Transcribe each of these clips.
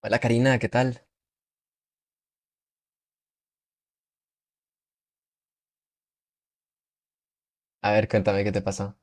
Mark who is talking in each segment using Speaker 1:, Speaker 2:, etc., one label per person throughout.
Speaker 1: Hola Karina, ¿qué tal? A ver, cuéntame qué te pasó.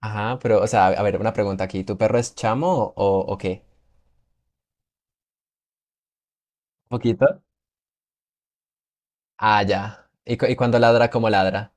Speaker 1: Ajá, pero, o sea, a ver, una pregunta aquí. ¿Tu perro es chamo o qué? ¿Un poquito? Ah, ya. ¿Y cuando ladra, cómo ladra?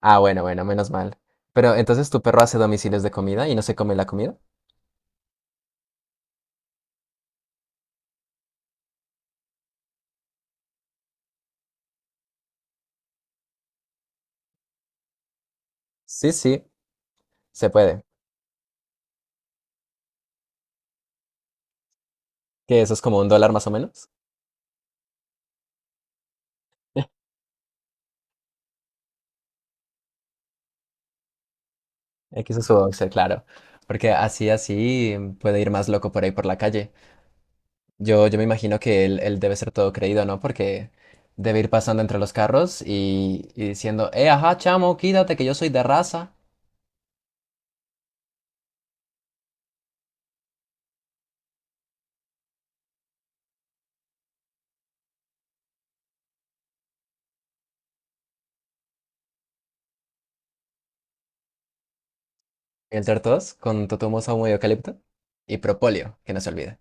Speaker 1: Ah, bueno, bueno, menos mal. ¿Pero entonces tu perro hace domicilios de comida y no se come la comida? Sí, sí, se puede. Que eso es como un dólar más o menos. X es su boxer, claro. Porque así, así puede ir más loco por ahí por la calle. Yo me imagino que él debe ser todo creído, ¿no? Porque debe ir pasando entre los carros y diciendo, ajá, chamo, quítate que yo soy de raza. Y entre todos, con totumoso humo de eucalipto y propóleo, que no se olvide.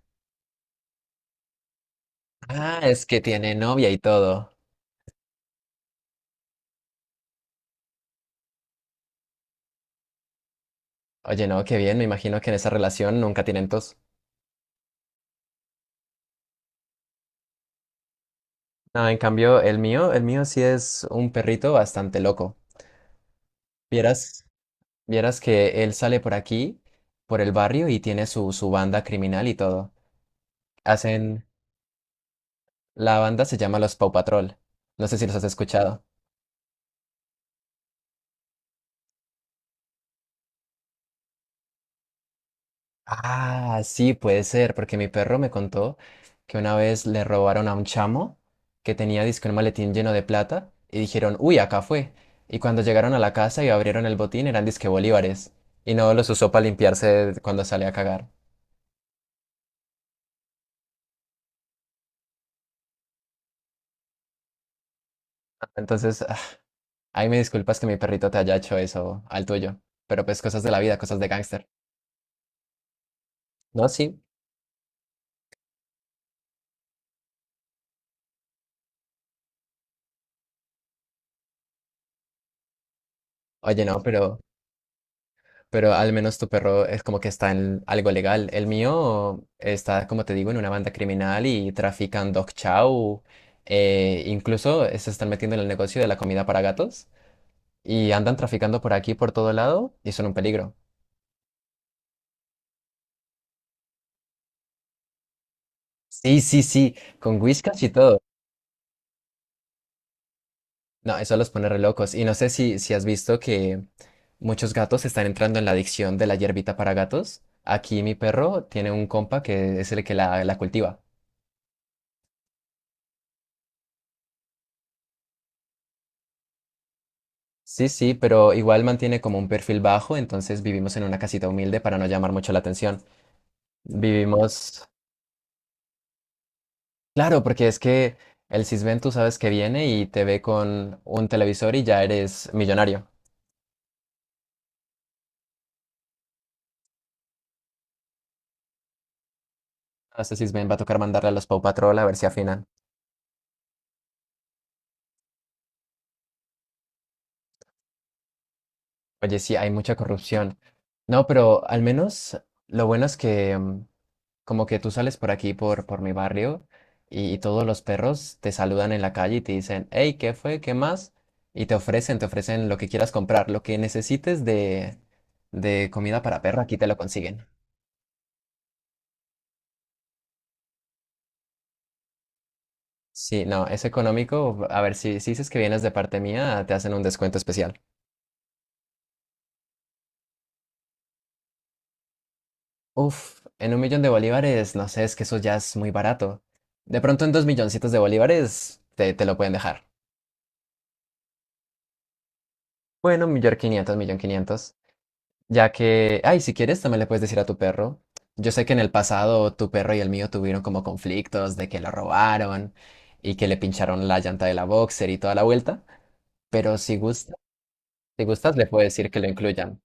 Speaker 1: Ah, es que tiene novia y todo. Oye, no, qué bien, me imagino que en esa relación nunca tienen tos. No, en cambio, el mío sí es un perrito bastante loco. Vieras, vieras que él sale por aquí, por el barrio y tiene su banda criminal y todo. Hacen. La banda se llama Los Paw Patrol. No sé si los has escuchado. Ah, sí, puede ser, porque mi perro me contó que una vez le robaron a un chamo que tenía disque un maletín lleno de plata y dijeron, uy, acá fue. Y cuando llegaron a la casa y abrieron el botín eran disque bolívares y no los usó para limpiarse cuando sale a cagar. Entonces, ahí me disculpas que mi perrito te haya hecho eso al tuyo, pero pues cosas de la vida, cosas de gángster. No, sí. Oye, no, pero. Pero al menos tu perro es como que está en algo legal. El mío está, como te digo, en una banda criminal y trafican dog chow. Incluso se están metiendo en el negocio de la comida para gatos y andan traficando por aquí, por todo lado y son un peligro. Sí, sí, sí, con whiskas y todo. No, eso los pone re locos. Y no sé si has visto que muchos gatos están entrando en la adicción de la hierbita para gatos. Aquí mi perro tiene un compa que es el que la cultiva. Sí, sí, pero igual mantiene como un perfil bajo, entonces vivimos en una casita humilde para no llamar mucho la atención. Vivimos, claro, porque es que el Sisbén tú sabes que viene y te ve con un televisor y ya eres millonario. A este Sisbén va a tocar mandarle a los Paw Patrol a ver si afinan. Oye, sí, hay mucha corrupción. No, pero al menos lo bueno es que como que tú sales por aquí, por mi barrio, y todos los perros te saludan en la calle y te dicen, hey, ¿qué fue? ¿Qué más? Y te ofrecen lo que quieras comprar, lo que necesites de comida para perro, aquí te lo consiguen. Sí, no, es económico. A ver, si dices que vienes de parte mía, te hacen un descuento especial. Uf, en un millón de bolívares, no sé, es que eso ya es muy barato. De pronto en dos milloncitos de bolívares te lo pueden dejar. Bueno, un millón quinientos, millón quinientos. Ya que, ay, si quieres, también le puedes decir a tu perro. Yo sé que en el pasado tu perro y el mío tuvieron como conflictos de que lo robaron y que le pincharon la llanta de la boxer y toda la vuelta, pero si gustas, le puedes decir que lo incluyan.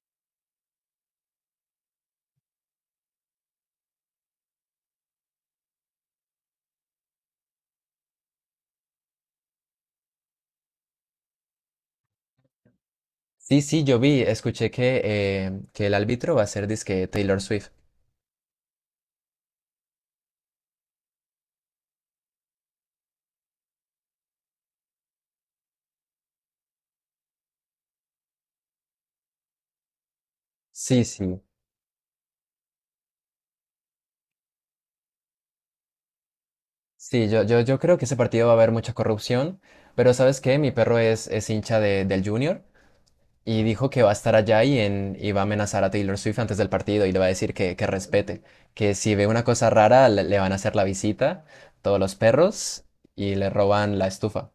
Speaker 1: Sí, sí, escuché que el árbitro va a ser disque Taylor Swift. Sí, sí, sí, yo creo que ese partido va a haber mucha corrupción, pero ¿sabes qué? Mi perro es hincha del Junior. Y dijo que va a estar allá y va a amenazar a Taylor Swift antes del partido y le va a decir que respete, que si ve una cosa rara le van a hacer la visita, todos los perros, y le roban la estufa.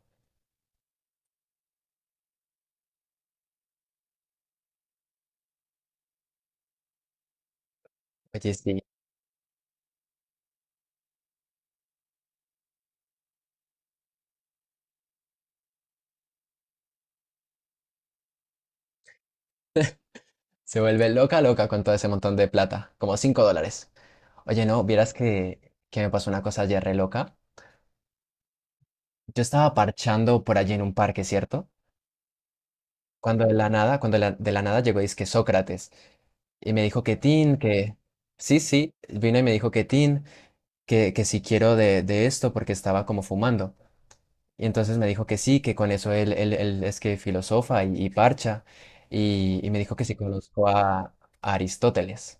Speaker 1: Oye, sí, se vuelve loca, loca con todo ese montón de plata, como $5. Oye, no, vieras que me pasó una cosa ayer re loca. Yo estaba parchando por allí en un parque, ¿cierto? Cuando de la nada llegó, que Sócrates, y me dijo que Tin, que. Sí, sí, vino y me dijo que Tin. Que si quiero de esto porque estaba como fumando. Y entonces me dijo que sí, que con eso él es que filosofa y parcha. Y me dijo que si conozco a Aristóteles.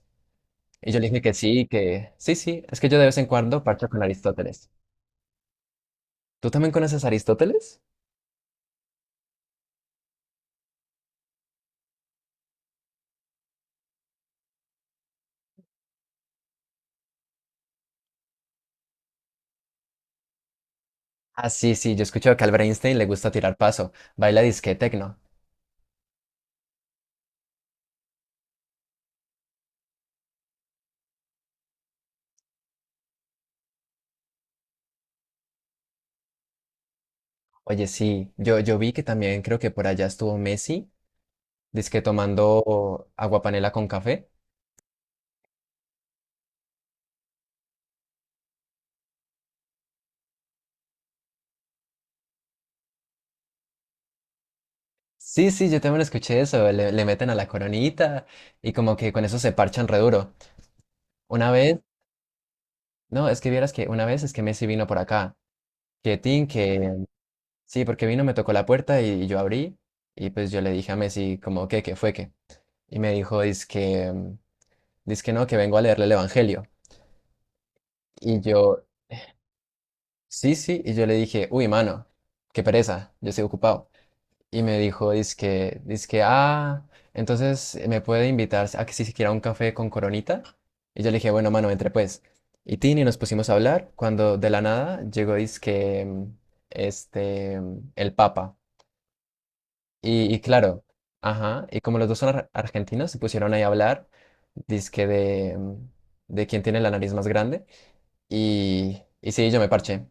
Speaker 1: Y yo le dije que sí, sí, es que yo de vez en cuando parcho con Aristóteles. ¿Tú también conoces a Aristóteles? Ah, sí, sí, yo escucho que a Albert Einstein le gusta tirar paso, baila disque tecno. Oye, sí, yo vi que también creo que por allá estuvo Messi, disque tomando agua panela con café. Sí, sí, yo también escuché eso, le meten a la coronita y como que con eso se parchan re duro. Una vez, no, es que vieras que una vez es que Messi vino por acá, que Tin, que sí, porque vino, me tocó la puerta y, yo abrí y pues yo le dije a Messi como que, ¿qué fue qué? Y me dijo, dice que, no, que vengo a leerle el Evangelio. Y yo, sí, sí, y yo le dije, uy, mano, qué pereza, yo estoy ocupado. Y me dijo, dizque, entonces me puede invitar a que si se quiera un café con Coronita. Y yo le dije, bueno, mano, entre pues. Y Tini nos pusimos a hablar cuando de la nada llegó, dizque, el Papa. Y claro, ajá, y como los dos son argentinos, se pusieron ahí a hablar, dizque de quién tiene la nariz más grande. Y sí, yo me parché.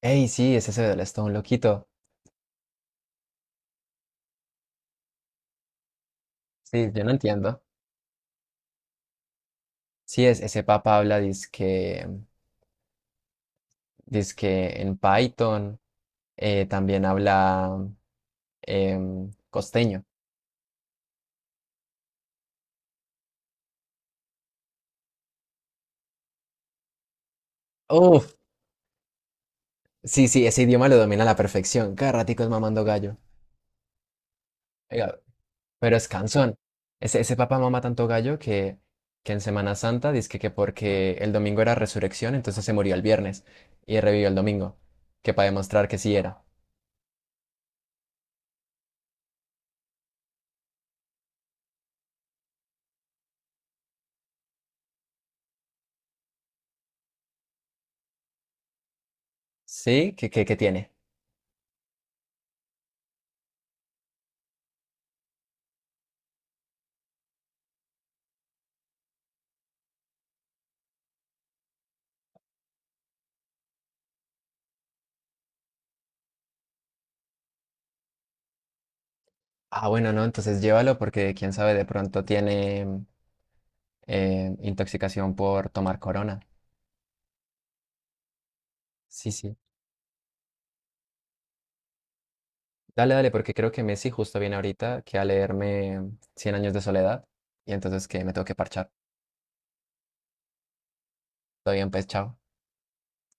Speaker 1: Ey, sí, es ese del Stone, loquito. Sí, yo no entiendo. Sí, es, ese papa habla, dice que en Python, también habla costeño. Uf, sí, sí, ese idioma lo domina a la perfección. Cada ratico es mamando gallo. Oiga, pero es cansón. Ese papá mama tanto gallo que en Semana Santa dice que porque el domingo era resurrección, entonces se murió el viernes y revivió el domingo, que para demostrar que sí era. ¿Sí? ¿Qué tiene? Ah, bueno, no, entonces llévalo porque quién sabe, de pronto tiene intoxicación por tomar corona. Sí, sí. Dale, dale, porque creo que Messi justo viene ahorita que a leerme Cien años de soledad y entonces que me tengo que parchar. Todo bien, pues, chao.